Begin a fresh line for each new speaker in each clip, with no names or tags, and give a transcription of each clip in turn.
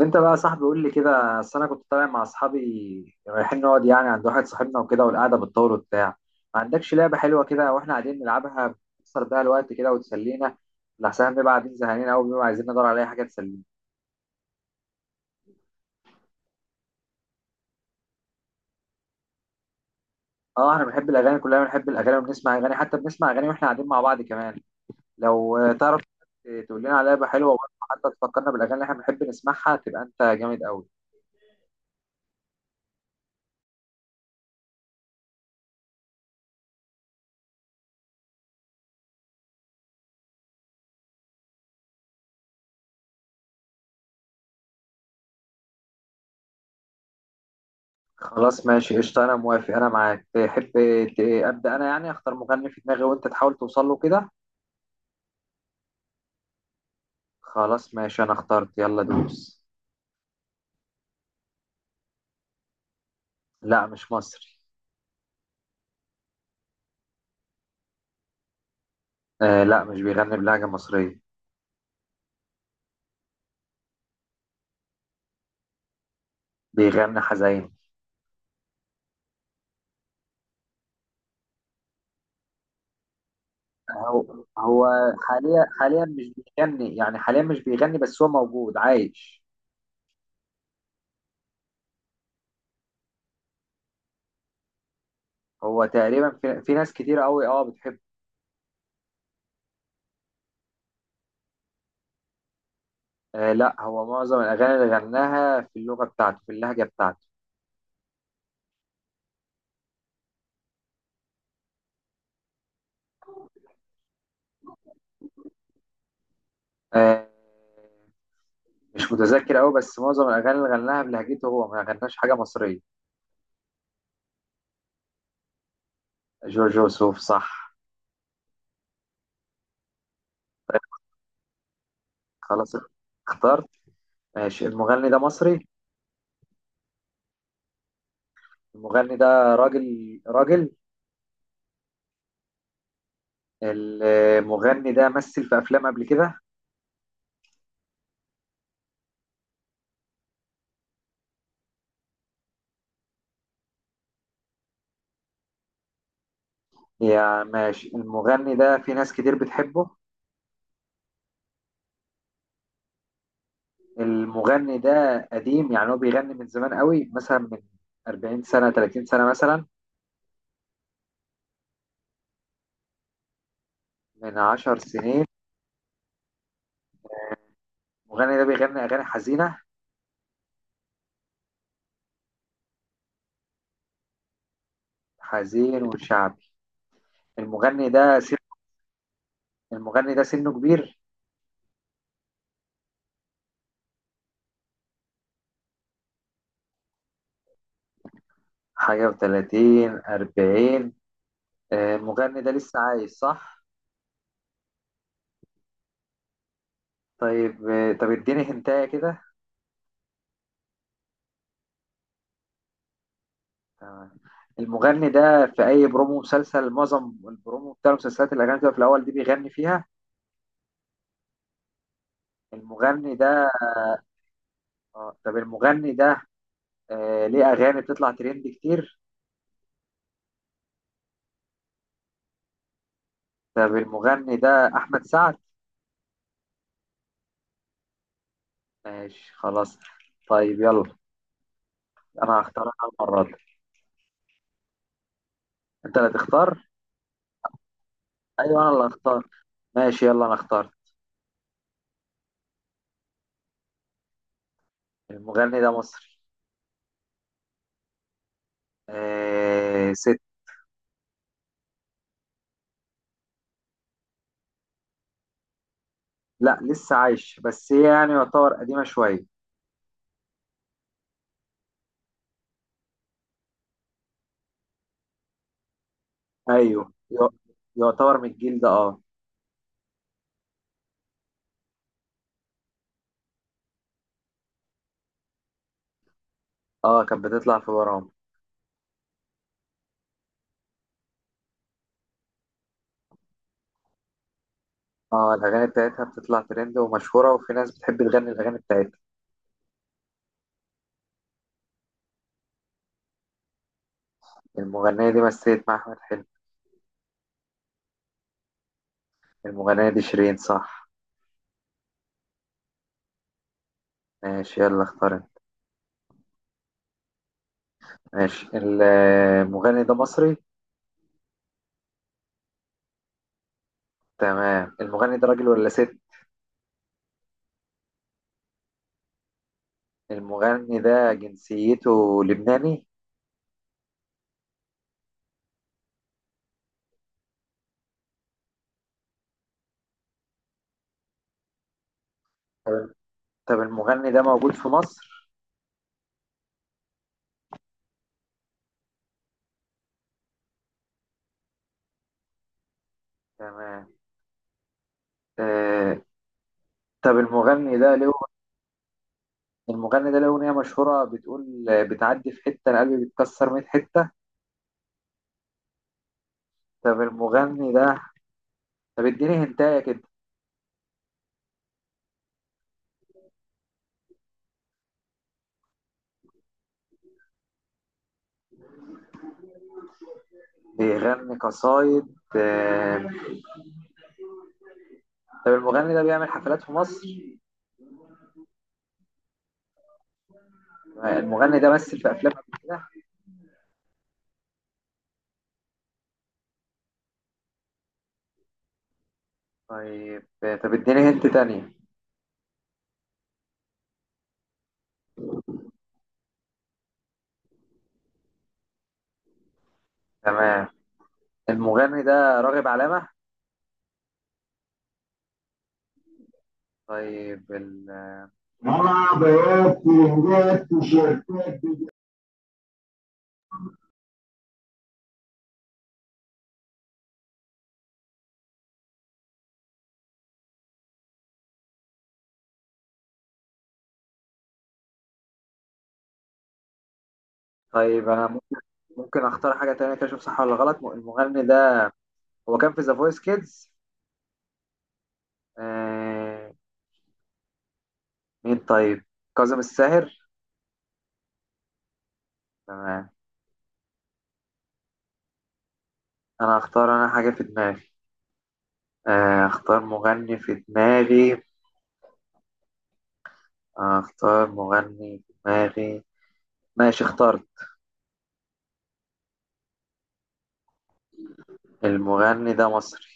انت بقى يا صاحبي، قول لي كده. اصل انا كنت طالع مع اصحابي، رايحين نقعد يعني عند واحد صاحبنا وكده، والقعده بتطول وبتاع. ما عندكش لعبه حلوه كده واحنا قاعدين نلعبها، بتكسر بيها الوقت كده وتسلينا؟ لحسن بنبقى قاعدين زهقانين قوي، بنبقى عايزين ندور على اي حاجه تسلينا. اه، احنا بنحب الاغاني، كلنا بنحب الاغاني وبنسمع اغاني، حتى بنسمع اغاني واحنا قاعدين مع بعض كمان. لو تعرف تقول لنا على لعبه حلوه، وحتى تفكرنا بالاغاني اللي احنا بنحب نسمعها، تبقى انت جامد قوي. خلاص ماشي قشطة، أنا موافق، أنا معاك. تحب أبدأ أنا؟ يعني أختار مغني في دماغي وأنت تحاول توصل له كده. خلاص ماشي، أنا اخترت، يلا دوس. لا مش مصري. آه لا، مش بيغني بلهجة مصرية. بيغني حزين. هو. حاليا مش بيغني، يعني حاليا مش بيغني بس هو موجود عايش. هو تقريبا في ناس كتير قوي، اه بتحبه. آه لا، هو معظم الأغاني اللي غناها في اللغة بتاعته، في اللهجة بتاعته. آه، مش متذكر قوي، بس معظم الاغاني اللي غناها بلهجته، هو ما غناش حاجه مصريه. جورج وسوف، صح. خلاص، اخترت. ماشي، المغني ده مصري؟ المغني ده راجل. راجل. المغني ده مثل في افلام قبل كده. يا ماشي، المغني ده في ناس كتير بتحبه. المغني ده قديم، يعني هو بيغني من زمان قوي، مثلا من 40 سنة، 30 سنة مثلا؟ من 10 سنين. المغني ده بيغني أغاني حزينة. حزين وشعبي. المغني ده. المغني ده سنه كبير. حاجة و30 40. المغني ده لسه عايش صح؟ طيب طب اديني هنتاية كده. تمام. المغني ده في أي برومو مسلسل، معظم البرومو بتاع المسلسلات اللي كانت في الأول دي بيغني فيها. المغني ده طب المغني ده ليه أغاني بتطلع ترند كتير. طب المغني ده أحمد سعد؟ ماشي خلاص. طيب يلا، أنا هختار أنا المرة دي. أنت اللي تختار. أيوه، أنا اللي هختار. ماشي يلا، أنا اخترت. المغني ده مصري. آه، ست. لا لسه عايش، بس هي يعني يعتبر قديمة شوية. أيوه، يعتبر من الجيل ده، اه. اه كانت بتطلع في برامج. اه الأغاني بتاعتها بتطلع ترند ومشهورة، وفي ناس بتحب تغني الأغاني بتاعتها. المغنية دي مثلت مع أحمد حلمي. المغنية دي شيرين، صح. ماشي يلا، اختار انت. ماشي المغني ده مصري. تمام، المغني ده راجل ولا ست؟ المغني ده جنسيته لبناني. طب، طب المغني ده موجود في مصر؟ تمام. آه، طب المغني ده له، المغني ده له أغنية مشهورة بتقول بتعدي في حتة القلب بيتكسر 100 حتة. طب المغني ده، طب اديني هنتاية كده. بيغني قصايد، طب المغني ده بيعمل حفلات في مصر. المغني ده مثل في أفلام قبل كده. طيب طب اديني هنت تانية. تمام، المغني ده راغب علامة. طيب طيب أنا ممكن، ممكن أختار حاجة تانية كده أشوف صح ولا غلط. المغني ده هو كان في ذا فويس كيدز. مين طيب؟ كاظم الساهر. تمام. انا هختار انا حاجة في دماغي. اختار مغني في دماغي. اختار مغني في دماغي. ماشي اخترت. المغني ده مصري.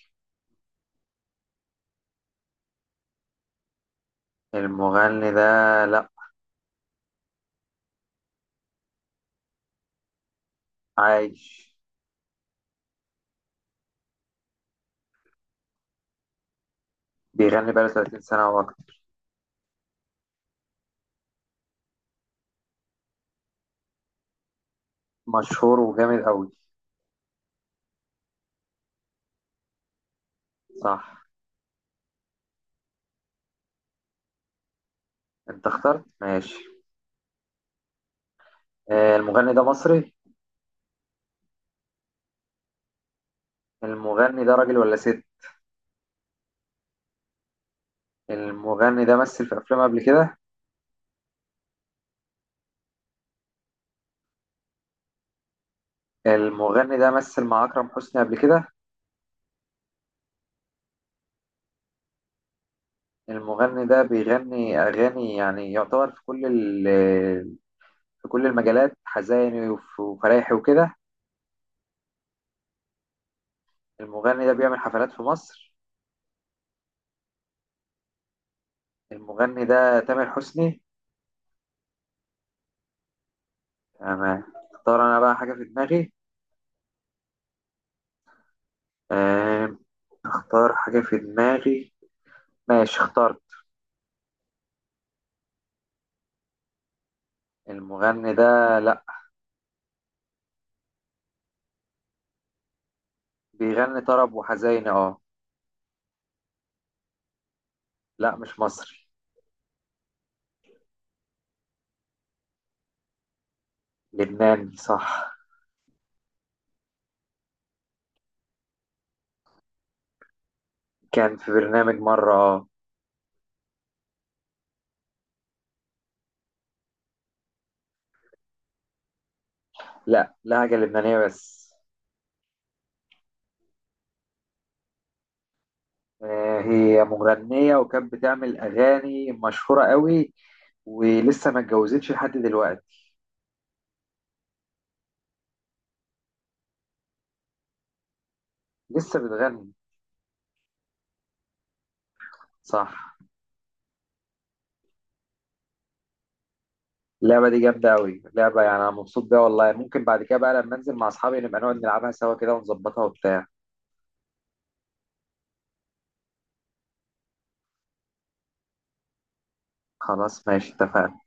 المغني ده، لا. عايش. بيغني بقاله 30 سنة او اكتر. مشهور وجامد قوي. صح. انت اخترت، ماشي. المغني ده مصري. المغني ده راجل ولا ست؟ المغني ده مثل في افلام قبل كده. المغني ده مثل مع اكرم حسني قبل كده. المغني ده بيغني أغاني يعني يعتبر في كل في كل المجالات، حزيني وفرايحي وكده. المغني ده بيعمل حفلات في مصر. المغني ده تامر حسني. أنا اختار أنا بقى حاجة في دماغي. آم، اختار حاجة في دماغي. ماشي اخترت. المغني ده، لأ. بيغني طرب وحزيني، اه. لأ مش مصري. لبناني، صح. كان في برنامج مرة، اه. لأ، لهجة لبنانية بس. هي مغنية وكانت بتعمل أغاني مشهورة قوي، ولسه ما اتجوزتش لحد دلوقتي. لسه بتغني. صح. اللعبة دي جامدة قوي، لعبة يعني أنا مبسوط بيها والله. ممكن بعد كده بقى، لما أنزل مع أصحابي، نبقى نقعد نلعبها سوا كده ونظبطها وبتاع. خلاص ماشي، اتفقنا.